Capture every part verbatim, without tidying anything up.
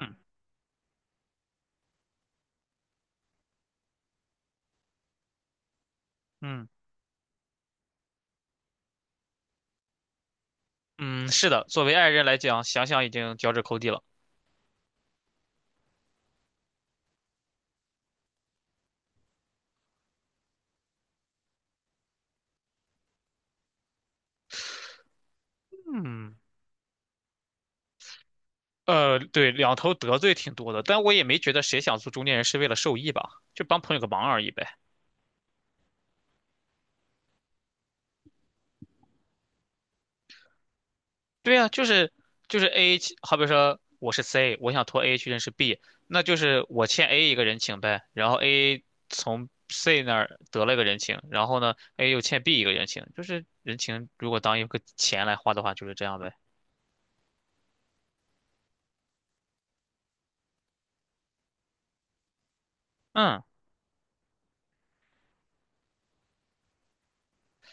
嗯嗯，嗯，是的，作为爱人来讲，想想已经脚趾抠地了。嗯，呃，对，两头得罪挺多的，但我也没觉得谁想做中间人是为了受益吧，就帮朋友个忙而已呗。对呀，就是就是 A，去好比说我是 C，我想托 A 去认识 B，那就是我欠 A 一个人情呗，然后 A 从 C 那儿得了一个人情，然后呢，A 又欠 B 一个人情，就是人情如果当一个钱来花的话，就是这样呗。嗯。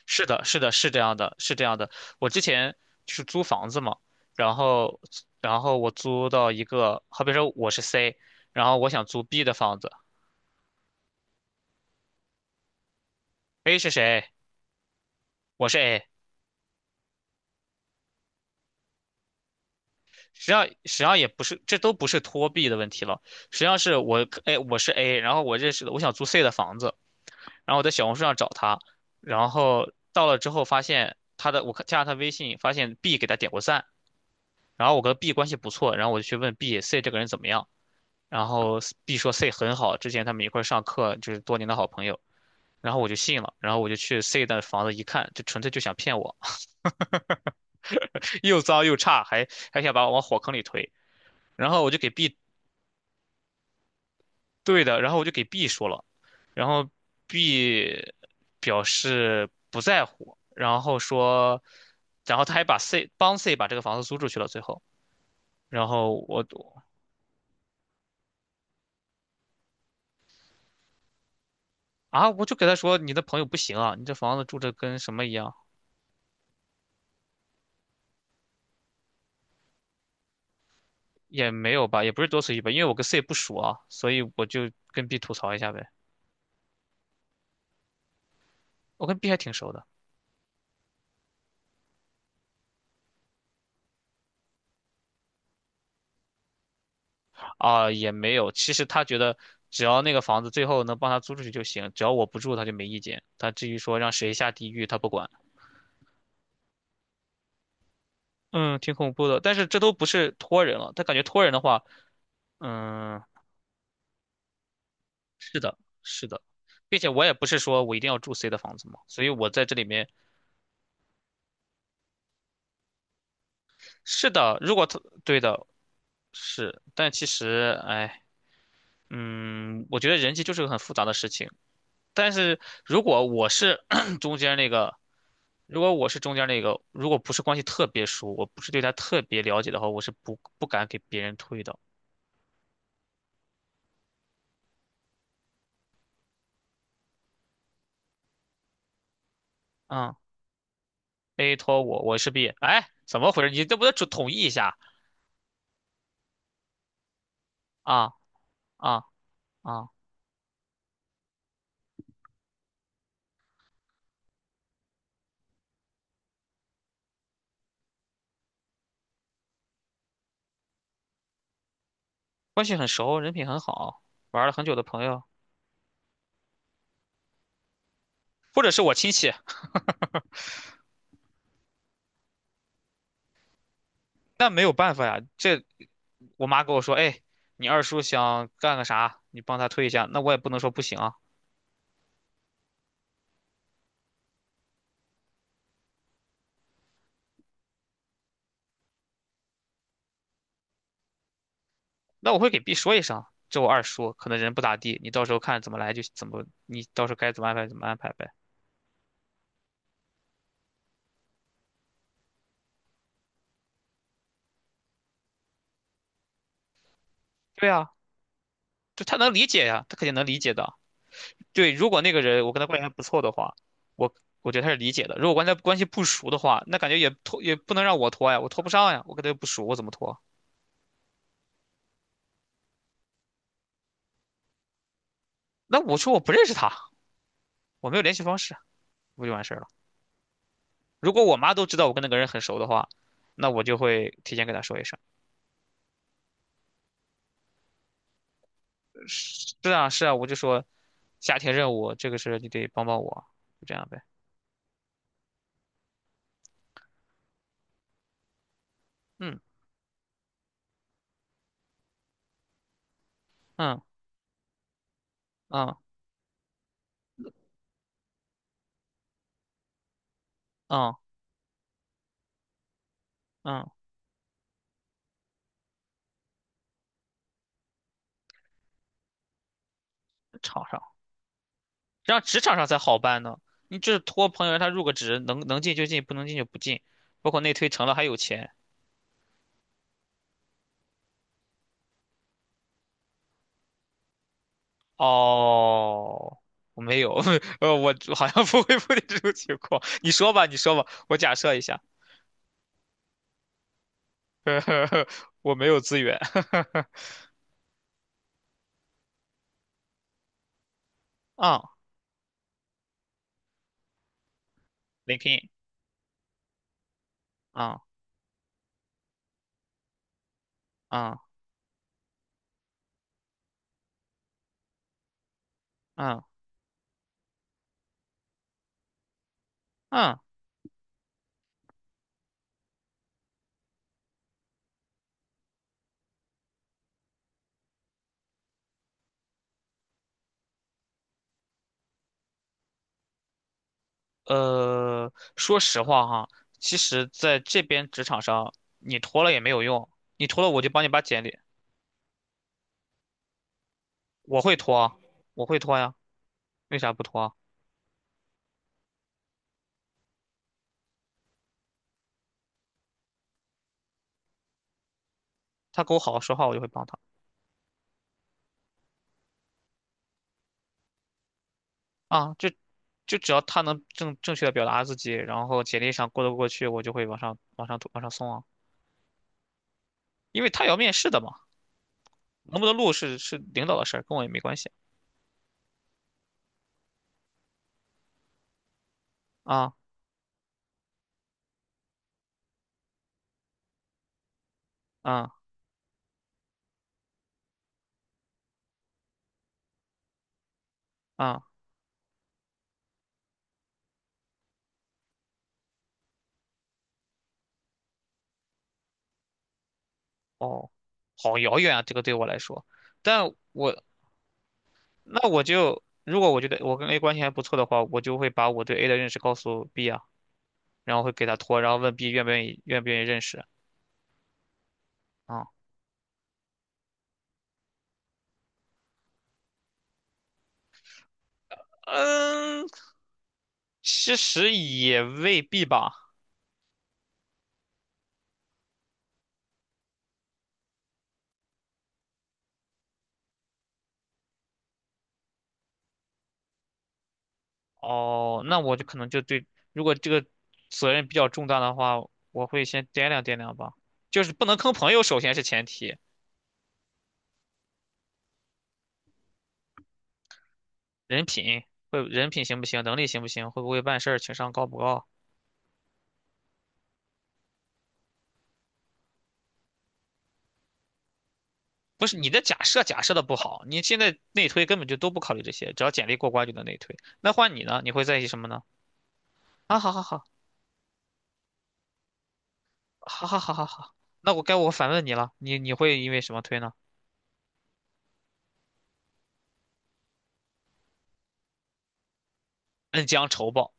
是的，是的，是这样的，是这样的。我之前就是租房子嘛，然后，然后我租到一个，好比说我是 C，然后我想租 B 的房子，A 是谁？我是 A。实际上，实际上也不是，这都不是托 B 的问题了。实际上是我，哎，我是 A，然后我认识的，我想租 C 的房子，然后我在小红书上找他，然后到了之后发现他的，我看加了他微信，发现 B 给他点过赞，然后我跟 B 关系不错，然后我就去问 B、C 这个人怎么样。然后 B 说 C 很好，之前他们一块儿上课，就是多年的好朋友。然后我就信了，然后我就去 C 的房子一看，就纯粹就想骗我，又脏又差，还还想把我往火坑里推。然后我就给 B 对的，然后我就给 B 说了，然后 B 表示不在乎，然后说，然后他还把 C 帮 C 把这个房子租出去了，最后，然后我啊，我就给他说，你的朋友不行啊，你这房子住着跟什么一样。也没有吧，也不是多此一举吧，因为我跟 C 不熟啊，所以我就跟 B 吐槽一下呗。我跟 B 还挺熟的啊，也没有。其实他觉得只要那个房子最后能帮他租出去就行，只要我不住他就没意见。他至于说让谁下地狱，他不管。嗯，挺恐怖的，但是这都不是托人了。他感觉托人的话，嗯，是的，是的，并且我也不是说我一定要住 C 的房子嘛，所以我在这里面是的，如果他对的是，但其实哎，嗯，我觉得人际就是个很复杂的事情。但是如果我是 中间那个，如果我是中间那个，如果不是关系特别熟，我不是对他特别了解的话，我是不不敢给别人推的。嗯，A 托我，我是 B。哎，怎么回事？你这不得统统一一下啊啊啊！关系很熟，人品很好，玩了很久的朋友，或者是我亲戚，那没有办法呀。这我妈跟我说，哎，你二叔想干个啥，你帮他推一下，那我也不能说不行啊。那我会给 B 说一声，这我二叔可能人不咋地，你到时候看怎么来就怎么，你到时候该怎么安排怎么安排呗。对啊，就他能理解呀，他肯定能理解的。对，如果那个人我跟他关系还不错的话，我我觉得他是理解的。如果关系关系不熟的话，那感觉也拖也不能让我拖呀，我拖不上呀，我跟他又不熟，我怎么拖？那我说我不认识他，我没有联系方式，不就完事儿了？如果我妈都知道我跟那个人很熟的话，那我就会提前跟他说一声。是啊，是啊，我就说家庭任务，这个事儿你得帮帮我，就这样呗。嗯嗯嗯嗯嗯，场上，这样职场上才好办呢。你就是托朋友让他入个职，能能进就进，不能进就不进。包括内推成了还有钱。哦，我没有，呃，我好像不会碰见这种情况。你说吧，你说吧，我假设一下，我没有资源。啊 l i n k i n 啊啊啊啊！嗯呃，说实话哈，其实在这边职场上，你拖了也没有用，你拖了我就帮你把简历，我会拖啊，我会拖呀，为啥不拖啊他跟我好好说话，我就会帮他啊，就就只要他能正正确的表达自己，然后简历上过得过去，我就会往上往上往上送啊，因为他也要面试的嘛，能不能录是是领导的事儿，跟我也没关系啊啊啊哦，好遥远啊，这个对我来说。但我那我就如果我觉得我跟 A 关系还不错的话，我就会把我对 A 的认识告诉 B 啊，然后会给他托，然后问 B 愿不愿意愿不愿意认识啊。嗯，其实也未必吧。哦，那我就可能就对，如果这个责任比较重大的话，我会先掂量掂量吧。就是不能坑朋友，首先是前提，人品会人品行不行，能力行不行，会不会办事儿，情商高不高。不是你的假设假设的不好，你现在内推根本就都不考虑这些，只要简历过关就能内推。那换你呢？你会在意什么呢？啊，好好好，好好好好好，那我该我反问你了，你你会因为什么推呢？恩将仇报，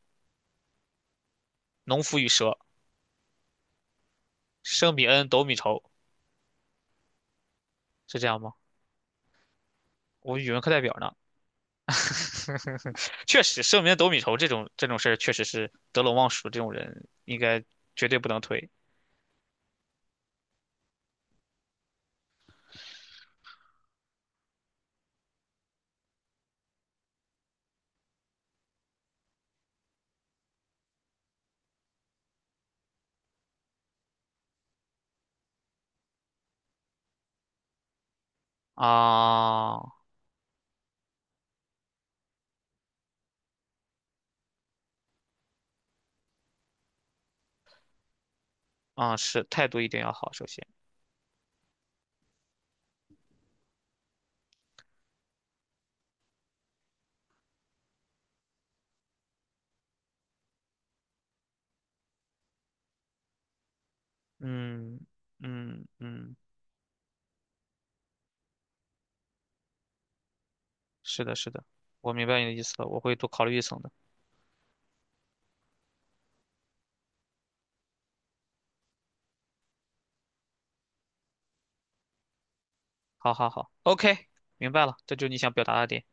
农夫与蛇，生米恩，斗米仇，是这样吗？我语文课代表呢。确实，生米恩，斗米仇这种这种事儿，确实是得陇望蜀这种人应该绝对不能推啊啊！是态度一定要好，首先，嗯嗯嗯是的，是的，我明白你的意思了，我会多考虑一层的。好好好，OK，明白了，这就是你想表达的点。